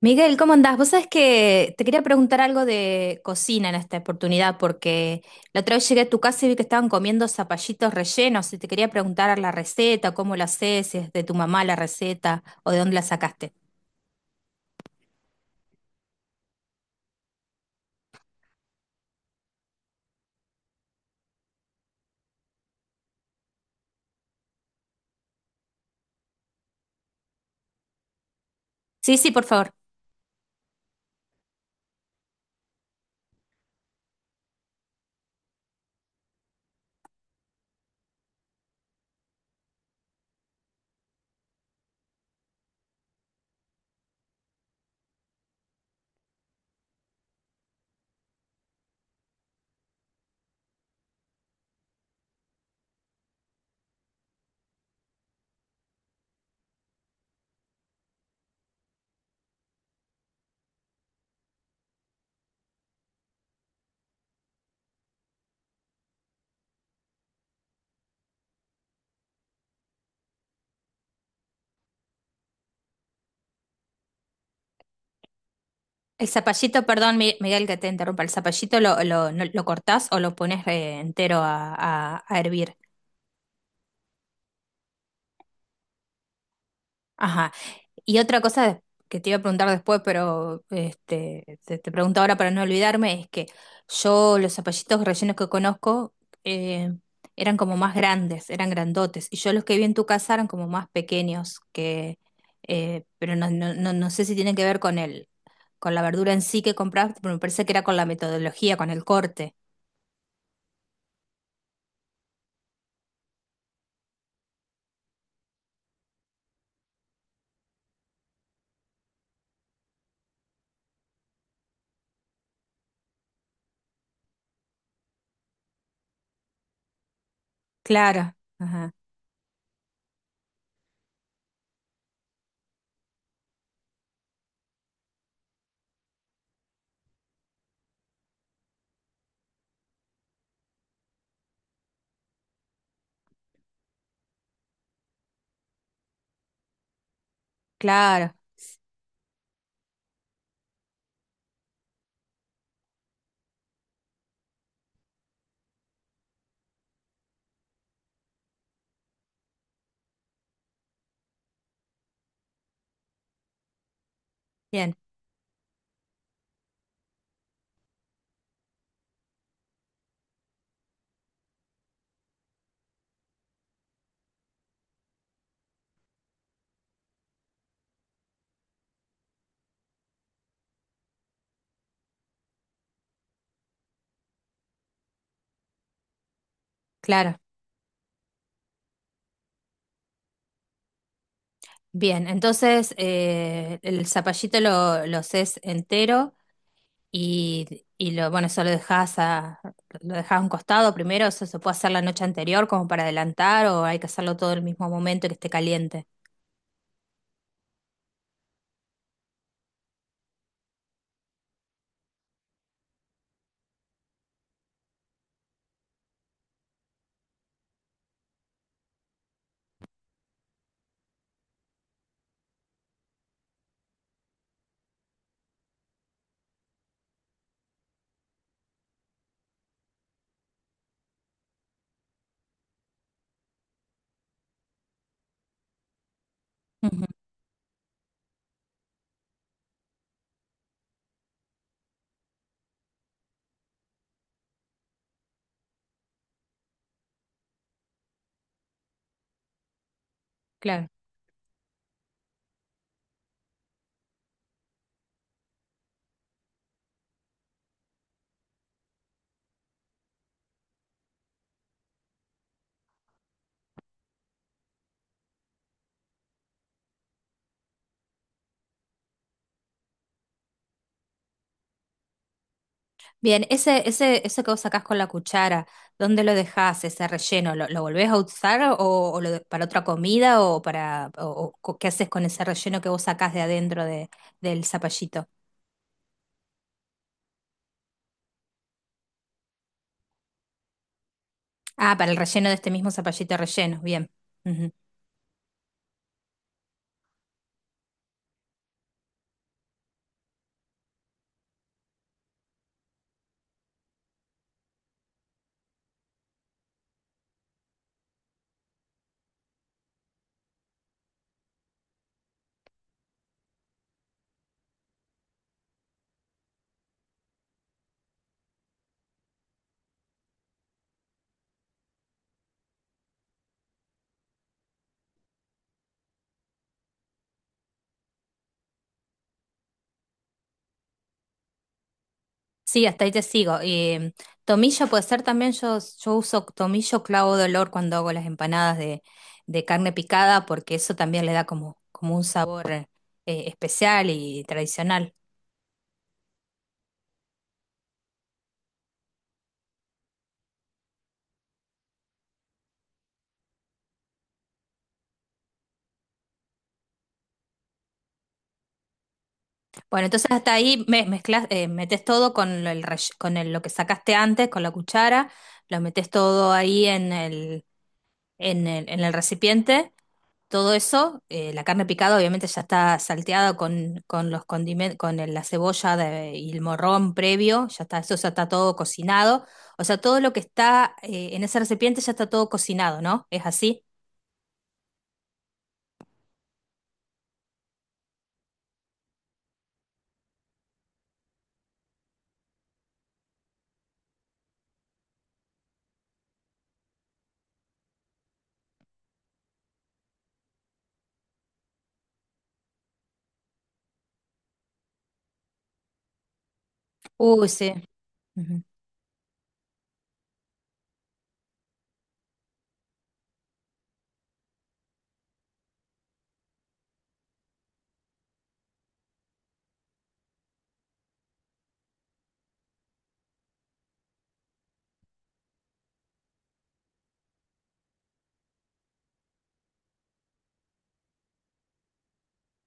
Miguel, ¿cómo andás? Vos sabés que te quería preguntar algo de cocina en esta oportunidad, porque la otra vez llegué a tu casa y vi que estaban comiendo zapallitos rellenos y te quería preguntar la receta, cómo la haces, si es de tu mamá la receta o de dónde la sacaste. Sí, sí, por favor. El zapallito, perdón, Miguel, que te interrumpa. El zapallito lo, no- lo cortás o lo pones entero a hervir. Ajá, y otra cosa que te iba a preguntar después, pero este, te pregunto ahora para no olvidarme, es que yo los zapallitos rellenos que conozco eh, eran como más grandes, eran grandotes, y yo los que vi en tu casa eran como más pequeños, que, pero no, no, no, no sé si tienen que ver con el, con la verdura en sí que compraste, pero me parece que era con la metodología, con el corte. Claro, ajá, claro, bien, claro. Bien, entonces el zapallito lo haces entero. Y bueno, eso lo dejás a un costado primero, eso se puede hacer la noche anterior como para adelantar o hay que hacerlo todo el mismo momento que esté caliente. Ujú, claro. Bien, ese, eso que vos sacás con la cuchara, ¿dónde lo dejás ese relleno? ¿Lo volvés a usar o para otra comida o qué haces con ese relleno que vos sacás de adentro del zapallito? Ah, para el relleno de este mismo zapallito relleno, bien. Sí, hasta ahí te sigo. Tomillo puede ser también, yo uso tomillo clavo de olor cuando hago las empanadas de carne picada, porque eso también le da como un sabor especial y tradicional. Bueno, entonces hasta ahí mezclas, metes todo con, el, rell- con el- lo que sacaste antes, con la cuchara, lo metes todo ahí en el recipiente todo eso, la carne picada obviamente ya está salteada con los condimentos, la cebolla y el morrón previo, ya está, eso ya está todo cocinado. O sea, todo lo que está en ese recipiente ya está todo cocinado, ¿no? ¿Es así? Uy, sí. Ujú.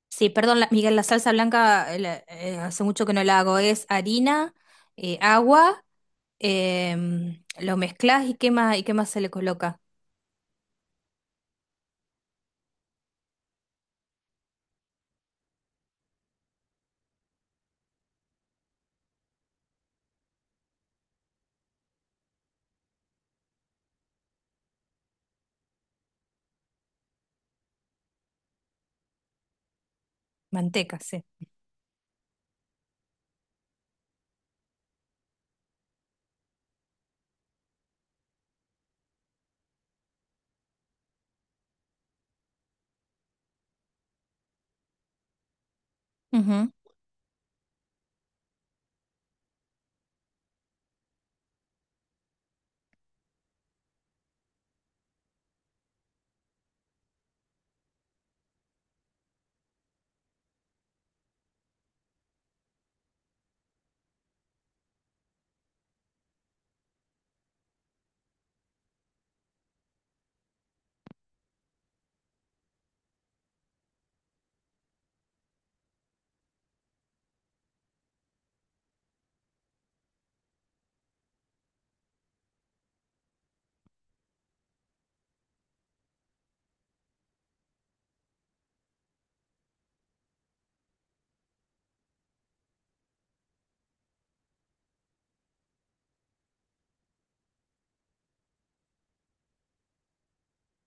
Sí, perdón, Miguel, la salsa blanca hace mucho que no la hago. Es harina, agua, lo mezclas y qué más se le coloca. Manteca, sí.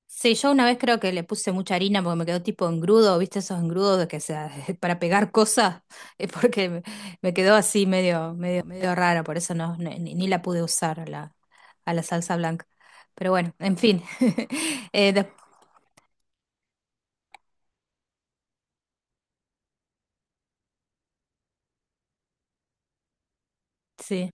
Sí, yo una vez creo que le puse mucha harina porque me quedó tipo engrudo, ¿viste esos engrudos de que sea para pegar cosas? Es porque me quedó así medio rara, por eso no, ni la pude usar a la salsa blanca. Pero bueno, en fin. Eh, des- sí,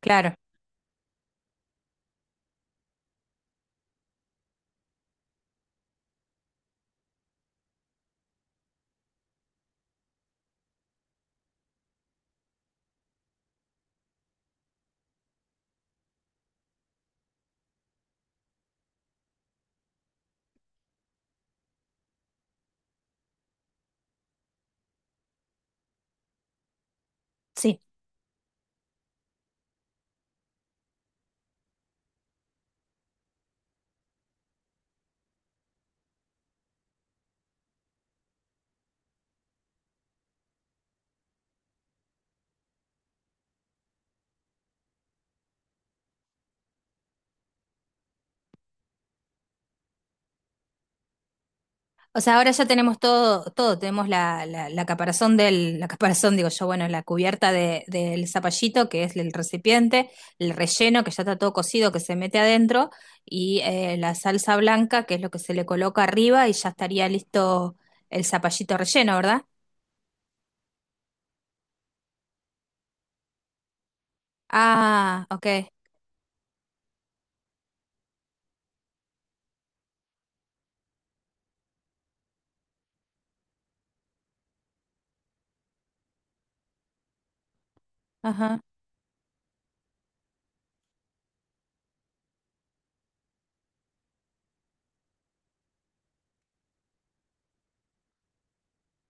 claro, sí. O sea, ahora ya tenemos todo, todo, tenemos la caparazón del, la caparazón, digo yo, bueno, la cubierta del zapallito, que es el recipiente, el relleno, que ya está todo cocido, que se mete adentro, y la salsa blanca, que es lo que se le coloca arriba, y ya estaría listo el zapallito relleno, ¿verdad? Ah, ok, ajá.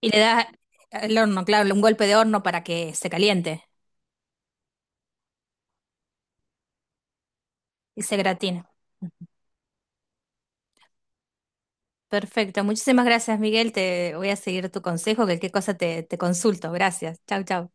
Y le da el horno, claro, un golpe de horno para que se caliente y se gratine. Perfecto. Muchísimas gracias, Miguel. Te voy a seguir tu consejo, que qué cosa te consulto. Gracias. Chau, chau.